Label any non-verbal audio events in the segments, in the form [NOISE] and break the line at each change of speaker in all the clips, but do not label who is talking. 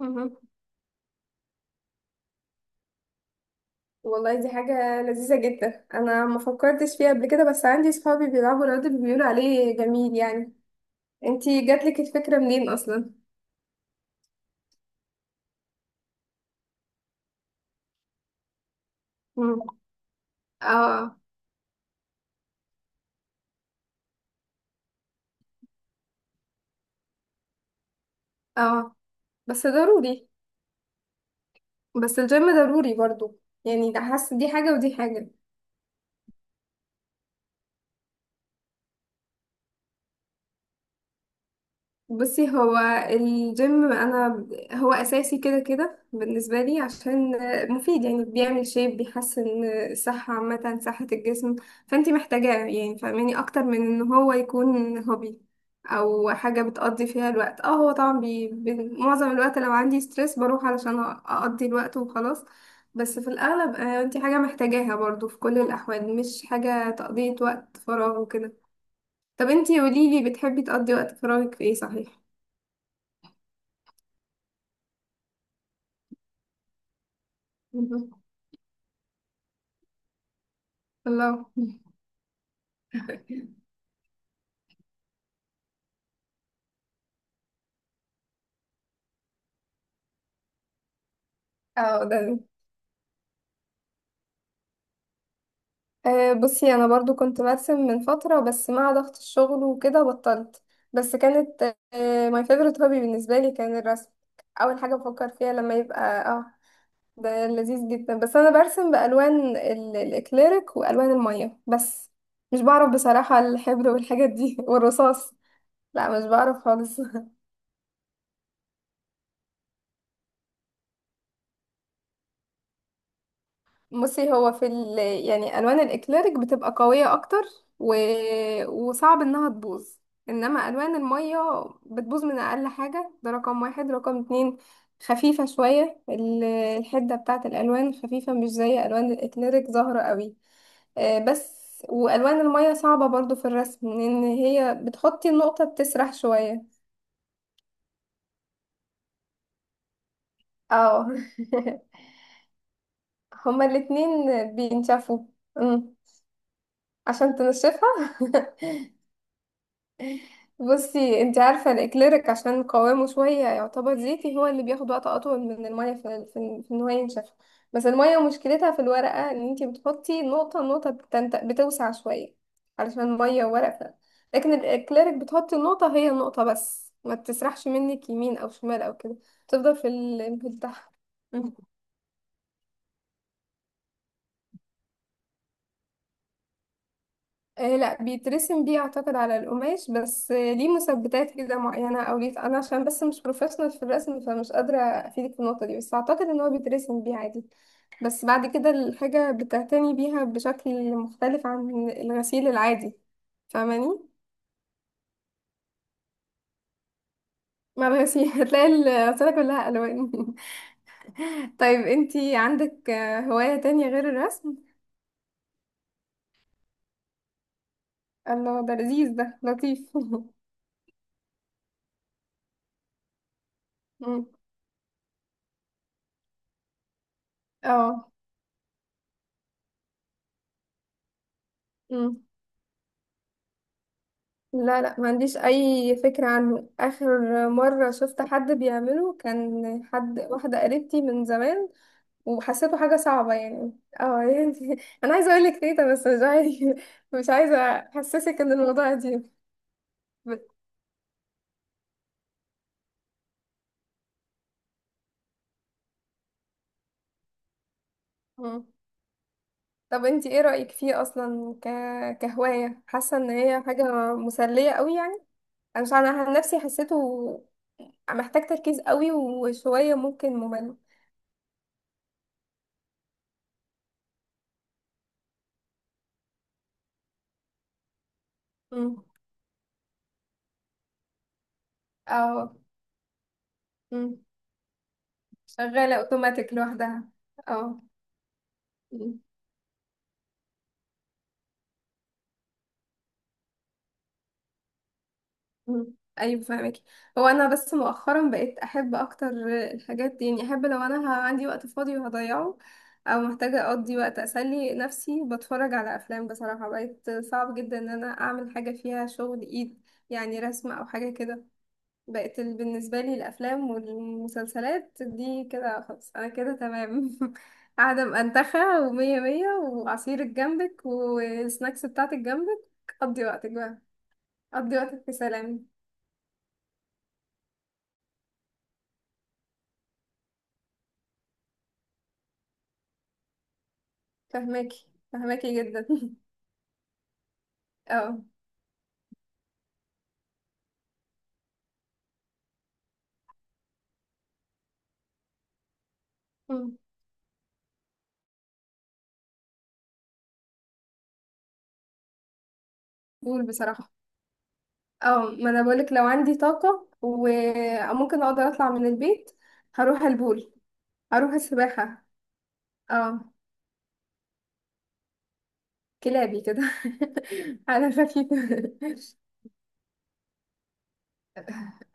مهم. والله دي حاجة لذيذة جدا أنا ما فكرتش فيها قبل كده، بس عندي صحابي بيلعبوا رياضة بيقولوا عليه جميل يعني. انتي جاتلك الفكرة منين أصلا؟ مم. اه اه. بس ضروري. بس الجيم ضروري برضو، يعني ده حاسة دي حاجة ودي حاجة. بصي هو الجيم انا هو اساسي كده كده بالنسبه لي، عشان مفيد يعني بيعمل شيب، بيحسن الصحه عامه، صحه الجسم. فانتي محتاجاه يعني، فاهماني، اكتر من ان هو يكون هوبي او حاجه بتقضي فيها الوقت. اه هو طبعا معظم الوقت لو عندي ستريس بروح علشان اقضي الوقت وخلاص. بس في الاغلب، انتي حاجه محتاجاها برضو في كل الاحوال، مش حاجه تقضيه وقت فراغ وكده. طب انتي قوليلي، بتحبي تقضي وقت فراغك في ايه صحيح؟ الله. اه ده أنا. بصي انا برضو كنت برسم من فترة، بس مع ضغط الشغل وكده بطلت. بس كانت ماي فيفورت هوبي بالنسبة لي كان الرسم. اول حاجة بفكر فيها لما يبقى، اه، ده لذيذ جدا. بس انا برسم الاكليريك والوان المية بس. مش بعرف بصراحة الحبر والحاجات دي [LAUGHS] والرصاص. لا مش بعرف خالص. بصي هو يعني الوان الاكليريك بتبقى قويه اكتر، و... وصعب انها تبوظ. انما الوان الميه بتبوظ من اقل حاجه، ده رقم واحد. رقم اتنين، خفيفه شويه الحده بتاعه الالوان خفيفه، مش زي الوان الاكليريك ظاهره قوي. بس والوان الميه صعبه برضو في الرسم، لان هي بتحطي النقطه بتسرح شويه. اه [LAUGHS] هما الاتنين بينشفوا. أمم. عشان تنشفها [LAUGHS] بصي انت عارفة الاكليريك عشان قوامه شوية يعتبر زيتي، هو اللي بياخد وقت اطول من المية في ان هو ينشف. بس المية مشكلتها في الورقة، ان انت بتحطي نقطة نقطة بتوسع شوية. علشان مية وورقة. لكن الاكليريك بتحطي النقطة هي النقطة بس، ما بتسرحش منك يمين او شمال او كده، تفضل في الانبوت بتاعها. آه لا بيترسم بيه، اعتقد على القماش بس آه ليه مثبتات كده معينة او ليه، انا عشان بس مش بروفيشنال في الرسم فمش قادرة افيدك في النقطة دي، بس اعتقد ان هو بيترسم بيه عادي. بس بعد كده الحاجة بتعتني بيها بشكل مختلف عن الغسيل العادي، فاهماني. مع الغسيل [LAUGHS] هتلاقي الغسالة كلها الوان [LAUGHS] طيب انتي عندك، هواية تانية غير الرسم؟ الله ده لذيذ، ده لطيف [LAUGHS] مم. اه لا لا، ما عنديش اي فكرة عنه. اخر مرة شفت حد بيعمله كان حد، واحدة قريبتي من زمان، وحسيته حاجة صعبة يعني. اه يعني [LAUGHS] انا عايزة اقول لك تيتا بس مش عايزة. احسسك ان الموضوع دي ب... مم. طب انتي ايه رأيك فيه اصلا كهواية؟ حاسة ان هي حاجة مسلية قوي يعني؟ انا مش عارفة، انا عن نفسي حسيته محتاج تركيز قوي وشوية ممكن ممل. مم. اه. شغالة اوتوماتيك لوحدها. اه. مم. مم. ايوه فاهمك. هو انا بس مؤخرا بقيت احب اكتر الحاجات دي، يعني احب لو انا عندي وقت فاضي وهضيعه او محتاجة اقضي وقت اسلي نفسي، بتفرج على افلام. بصراحة بقيت صعب جدا ان انا اعمل حاجة فيها شغل ايد، يعني رسم او حاجة كده. بقت بالنسبة لي الأفلام والمسلسلات دي كده خلاص، أنا كده تمام [LAUGHS] قاعدة مأنتخة ومية مية وعصيرك جنبك والسناكس بتاعتك جنبك. قضي وقتك بقى، قضي وقتك في سلام. فهماكي فهماكي جدا [LAUGHS] اه. مم. قول بصراحة. اه ما أنا بقولك، لو عندي طاقة وممكن أقدر أطلع من البيت هروح البول، هروح السباحة. اه كلابي كده [LAUGHS] على خفيف [LAUGHS]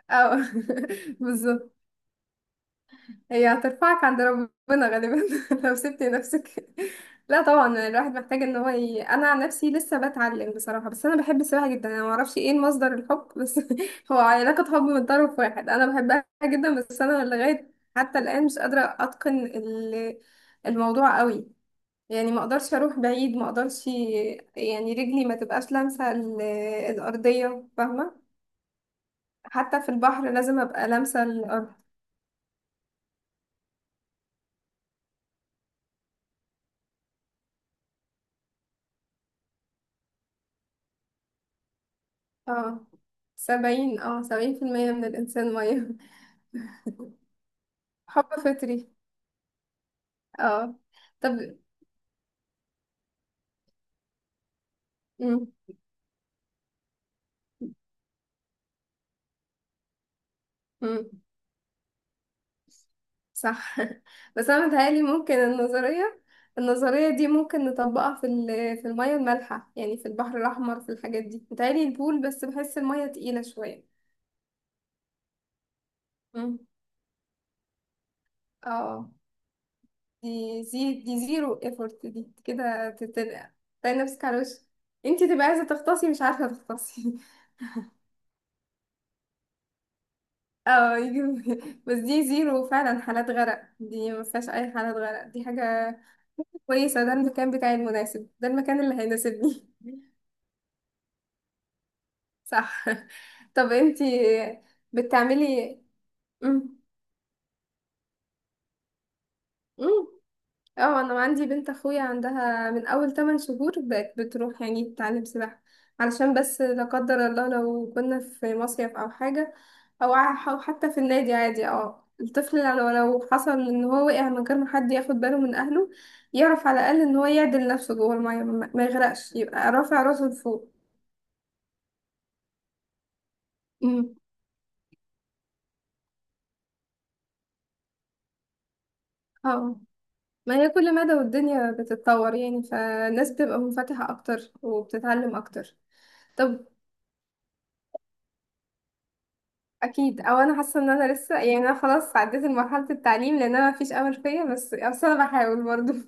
اه [LAUGHS] بالظبط. هي هترفعك عند ربنا غالبا [LAUGHS] لو سبت نفسك. لا طبعا، الواحد محتاج ان هو انا عن نفسي لسه بتعلم بصراحه. بس انا بحب السباحه جدا، انا ما اعرفش ايه مصدر الحب بس [LAUGHS] هو علاقه حب من طرف واحد، انا بحبها جدا. بس انا لغايه حتى الان مش قادره اتقن الموضوع قوي. يعني ما اقدرش اروح بعيد، ما اقدرش يعني رجلي ما تبقاش لامسه الارضيه، فاهمه. حتى في البحر لازم ابقى لامسه الارض. اه سبعين، اه سبعين في المية من الإنسان مية [LAUGHS] حب فطري. اه. طب. مم. مم. صح [LAUGHS] بس أنا متهيألي ممكن النظرية، دي ممكن نطبقها في المية المالحة يعني في البحر الأحمر في الحاجات دي. متهيألي البول بس بحس المية تقيلة شوية. مم. اه. دي دي زيرو ايفورت، دي كده تتنقع، تلاقي نفسك على وشك. انتي تبقى عايزة تغطسي مش عارفة تغطسي [LAUGHS] اه يجيب- [LAUGHS] بس دي زيرو فعلا، حالات غرق دي ما فيهاش اي حالات غرق، دي حاجة كويسة. ده المكان بتاعي المناسب، ده المكان اللي هيناسبني [LAUGHS] صح. طب انتي بتعملي. مم. مم. اه انا عندي بنت اخويا عندها من اول 8 شهور بقت بتروح يعني تتعلم سباحة. علشان بس لا قدر الله لو كنا في مصيف او حاجة، او حتى في النادي عادي، اه الطفل لو حصل ان هو وقع من غير ما حد ياخد باله من اهله، يعرف على الاقل ان هو يعدل نفسه جوه المية، ما يغرقش، يبقى رافع راسه لفوق. امم. اه. ما هي كل مدى والدنيا بتتطور يعني، فالناس بتبقى منفتحة اكتر وبتتعلم اكتر. طب اكيد. او انا حاسه ان انا لسه يعني، انا خلاص عديت مرحله التعليم لان انا مفيش امل فيا، بس انا بحاول برضو [LAUGHS]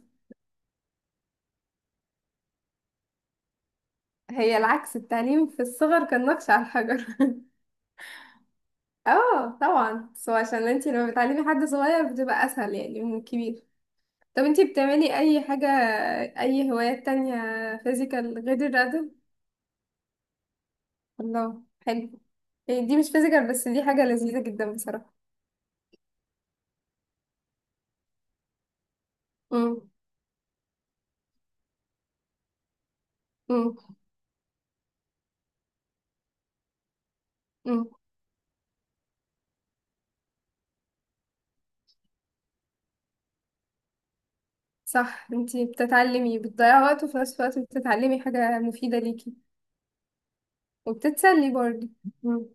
هي العكس، التعليم في الصغر كان نقش على الحجر [LAUGHS] اه طبعا، بس هو عشان انتي لما بتعلمي حد صغير بتبقى اسهل يعني من الكبير. طب انتي بتعملي اي حاجه، اي هوايات تانية فيزيكال غير الرياضه؟ الله حلو. يعني دي مش فيزيكال، بس دي حاجه لذيذه جدا بصراحه. امم. امم. امم. صح، انتي بتتعلمي، بتضيعي وقت وفي نفس الوقت بتتعلمي حاجة مفيدة ليكي. وبتتسلي برضه. مم.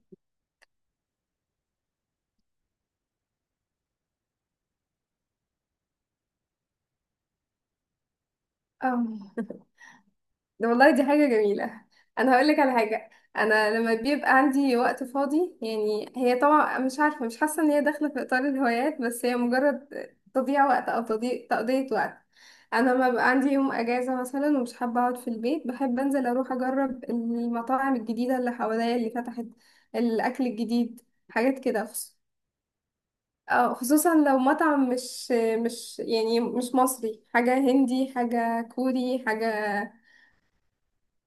اه ده والله، دي حاجة جميلة. انا هقول لك على حاجة. انا لما بيبقى عندي وقت فاضي، يعني هي طبعا مش عارفة، مش حاسة ان هي داخلة في اطار الهوايات، بس هي مجرد تضييع وقت، او تضييع، تقضية وقت. انا لما بيبقى عندي يوم اجازة مثلا ومش حابة اقعد في البيت، بحب انزل اروح اجرب المطاعم الجديدة اللي حواليا اللي فتحت، الاكل الجديد، حاجات كده. خصوصا لو مطعم مش يعني مش مصري، حاجة هندي، حاجة كوري، حاجة.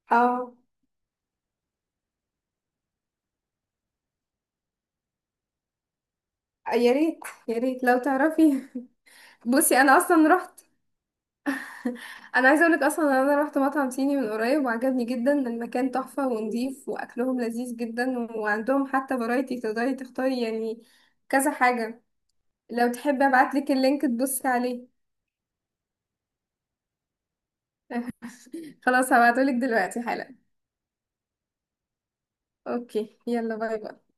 اه يا ريت. يا ريت لو تعرفي. بصي انا اصلا رحت [LAUGHS] انا عايزه اقولك اصلا إن انا رحت مطعم صيني من قريب وعجبني جدا، المكان تحفه ونضيف واكلهم لذيذ جدا، وعندهم حتى فرايتي تقدري تختاري يعني كذا حاجه. لو تحبي ابعتلك اللينك تبصي عليه [LAUGHS] خلاص هبعتهولك دلوقتي حالا. اوكي يلا، باي باي.